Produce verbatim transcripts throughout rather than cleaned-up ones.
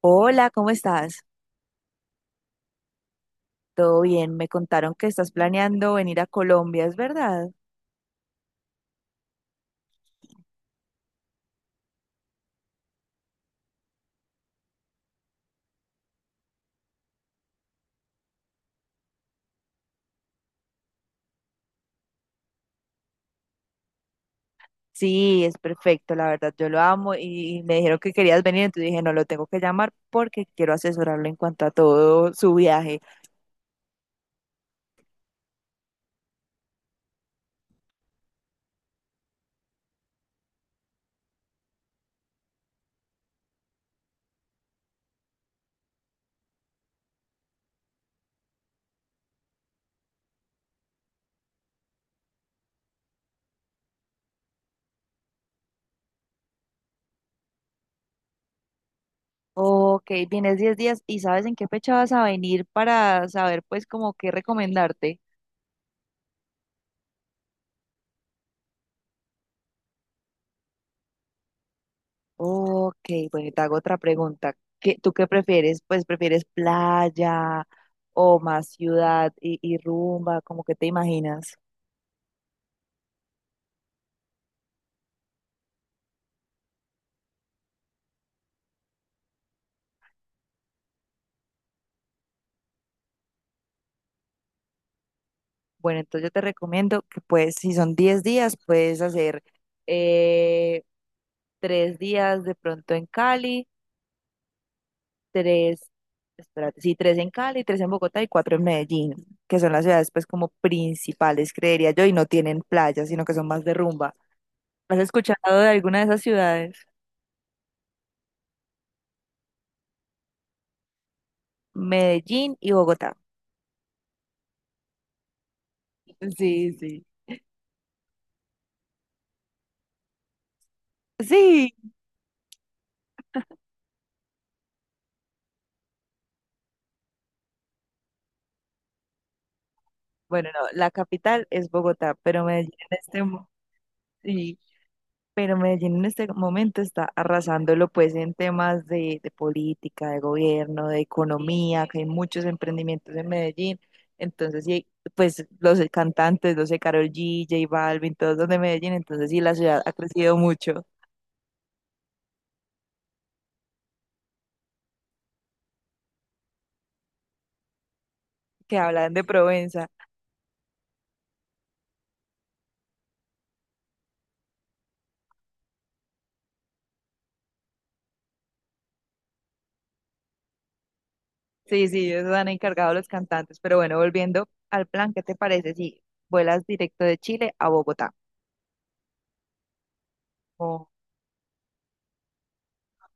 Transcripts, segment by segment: Hola, ¿cómo estás? ¿Todo bien? Me contaron que estás planeando venir a Colombia, ¿es verdad? Sí, es perfecto, la verdad, yo lo amo y me dijeron que querías venir, entonces dije, no, lo tengo que llamar porque quiero asesorarlo en cuanto a todo su viaje. Ok, vienes diez días y ¿sabes en qué fecha vas a venir para saber pues como qué recomendarte? Ok, bueno, y te hago otra pregunta. ¿Qué, tú qué prefieres? Pues prefieres playa o más ciudad y, y rumba, ¿cómo que te imaginas? Bueno, entonces yo te recomiendo que pues si son diez días, puedes hacer eh, tres días de pronto en Cali, tres, espérate, sí, tres en Cali, tres en Bogotá y cuatro en Medellín, que son las ciudades pues como principales, creería yo, y no tienen playas, sino que son más de rumba. ¿Has escuchado de alguna de esas ciudades? Medellín y Bogotá. Sí, sí. Sí. Bueno, no, la capital es Bogotá, pero Medellín en este momento. Pero Medellín en este momento está arrasándolo pues en temas de, de política, de gobierno, de economía, que hay muchos emprendimientos en Medellín. Entonces, sí, pues los cantantes, los de Karol G, J Balvin, todos los de Medellín. Entonces, sí, la ciudad ha crecido mucho. Que hablan de Provenza. Sí, sí, ellos han encargado los cantantes. Pero bueno, volviendo al plan, ¿qué te parece si vuelas directo de Chile a Bogotá?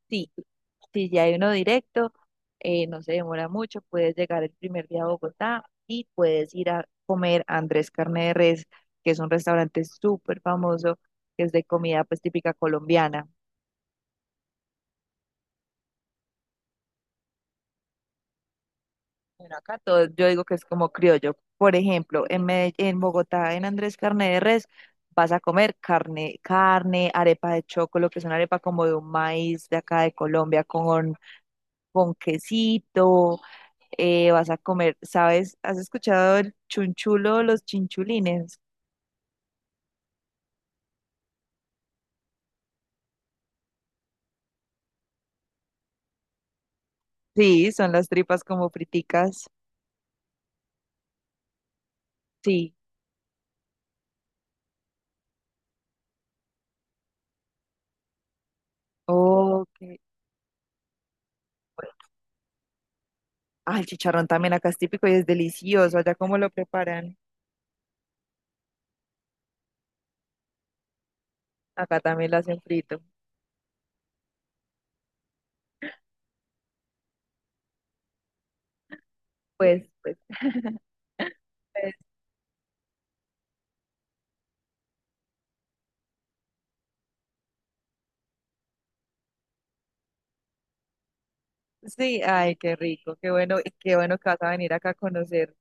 Sí, si ya hay uno directo, eh, no se demora mucho, puedes llegar el primer día a Bogotá y puedes ir a comer a Andrés Carne de Res, que es un restaurante súper famoso, que es de comida pues típica colombiana. Bueno, acá todo, yo digo que es como criollo. Por ejemplo, en Medell- en Bogotá, en Andrés Carne de Res, vas a comer carne, carne, arepa de chocolo, que es una arepa como de un maíz de acá de Colombia, con, con quesito eh, vas a comer, ¿sabes? ¿Has escuchado el chunchulo o los chinchulines? Sí, son las tripas como friticas. Sí. Oh, Ok. Ah, el chicharrón también acá es típico y es delicioso. Allá cómo lo preparan. Acá también lo hacen frito. Pues, pues. pues, Sí, ay, qué rico, qué bueno, y qué bueno que vas a venir acá a conocer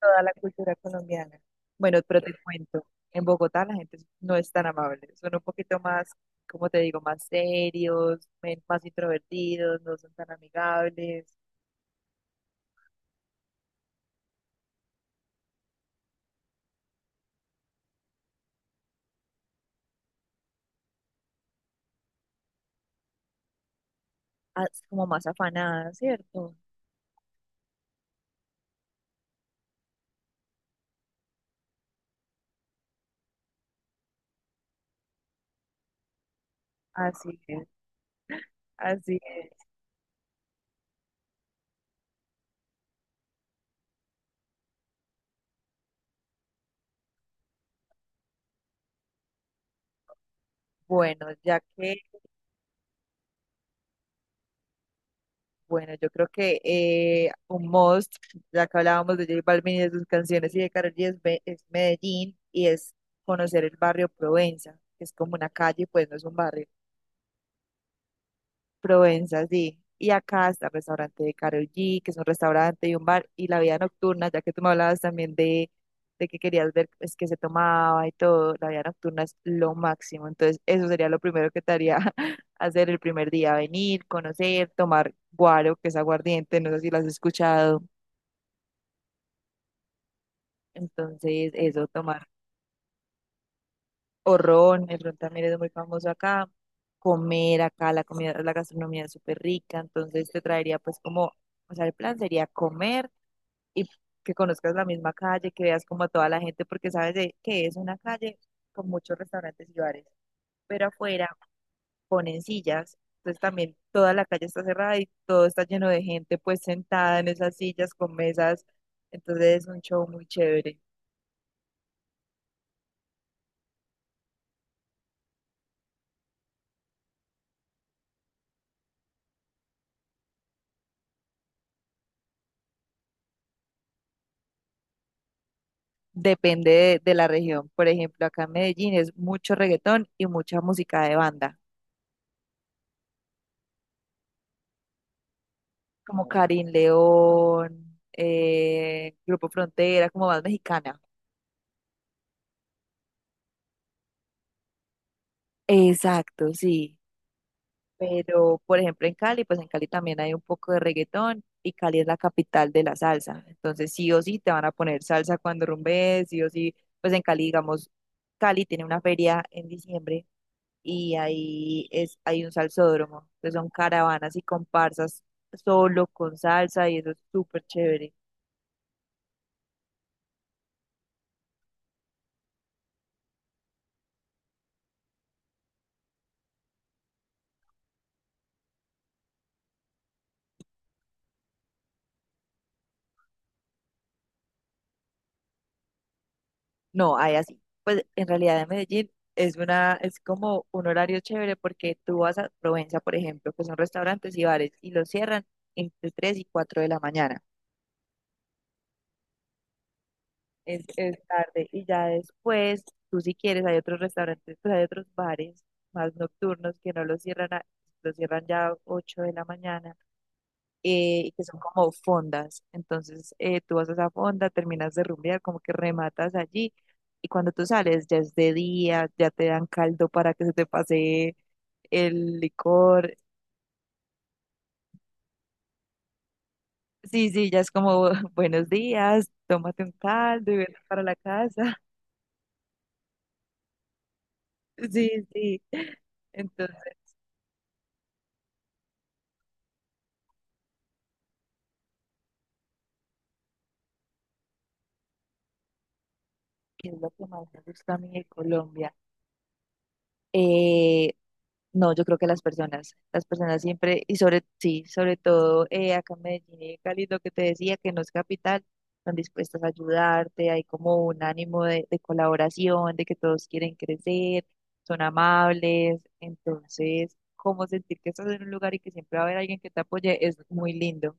toda la cultura colombiana. Bueno, pero te cuento, en Bogotá la gente no es tan amable, son un poquito más, como te digo, más serios, men- más introvertidos, no son tan amigables. Ah, es como más afanadas, ¿cierto? Así es, así es. Bueno, ya que, bueno, yo creo que eh, un must, ya que hablábamos de J Balvin y de sus canciones y de Karol G es, Be- es Medellín y es conocer el barrio Provenza, que es como una calle, pues no es un barrio. Provenza, sí. Y acá está el restaurante de Karol G, que es un restaurante y un bar, y la vida nocturna, ya que tú me hablabas también de, de que querías ver es que se tomaba y todo, la vida nocturna es lo máximo. Entonces, eso sería lo primero que te haría hacer el primer día, venir, conocer, tomar guaro, que es aguardiente, no sé si lo has escuchado. Entonces, eso, tomar o ron, el ron también es muy famoso acá, comer acá, la comida, la gastronomía es súper rica, entonces te traería pues como... O sea, el plan sería comer, y que conozcas la misma calle, que veas como a toda la gente, porque sabes de que es una calle con muchos restaurantes y bares, pero afuera ponen sillas, entonces también toda la calle está cerrada y todo está lleno de gente pues sentada en esas sillas con mesas, entonces es un show muy chévere. Depende de, de la región. Por ejemplo, acá en Medellín es mucho reggaetón y mucha música de banda, como Karin León, eh, Grupo Frontera, como más mexicana. Exacto, sí. Pero, por ejemplo, en Cali, pues en Cali también hay un poco de reggaetón y Cali es la capital de la salsa. Entonces, sí o sí te van a poner salsa cuando rumbes, sí o sí. Pues en Cali, digamos, Cali tiene una feria en diciembre y ahí es, hay un salsódromo. Entonces son caravanas y comparsas solo con salsa y eso es súper chévere. No, hay así. Pues en realidad en Medellín es una, es como un horario chévere porque tú vas a Provenza, por ejemplo, que son restaurantes y bares y los cierran entre tres y cuatro de la mañana. Es, es tarde. Y ya después, tú si quieres, hay otros restaurantes, pues hay otros bares más nocturnos que no los cierran, a- los cierran ya ocho de la mañana eh, que son como fondas. Entonces eh, tú vas a esa fonda, terminas de rumbear, como que rematas allí y cuando tú sales ya es de día, ya te dan caldo para que se te pase el licor. Sí, sí, ya es como buenos días, tómate un caldo y vete para la casa. Sí, sí. Entonces, ¿qué es lo que más me gusta a mí de Colombia? Eh, No, yo creo que las personas, las personas siempre, y sobre, sí, sobre todo eh, acá en Medellín y Cali, lo que te decía, que no es capital, están dispuestas a ayudarte, hay como un ánimo de, de colaboración, de que todos quieren crecer, son amables, entonces, como sentir que estás en un lugar y que siempre va a haber alguien que te apoye es muy lindo.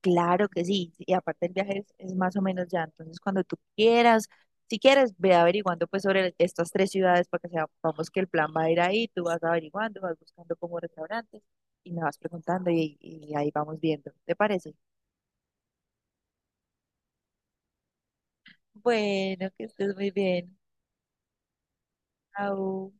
Claro que sí, y aparte el viaje es, es más o menos ya, entonces cuando tú quieras, si quieres, ve averiguando pues sobre estas tres ciudades para que sepamos que el plan va a ir ahí, tú vas averiguando, vas buscando como restaurantes y me vas preguntando y, y ahí vamos viendo, ¿te parece? Bueno, que estés muy bien. Au.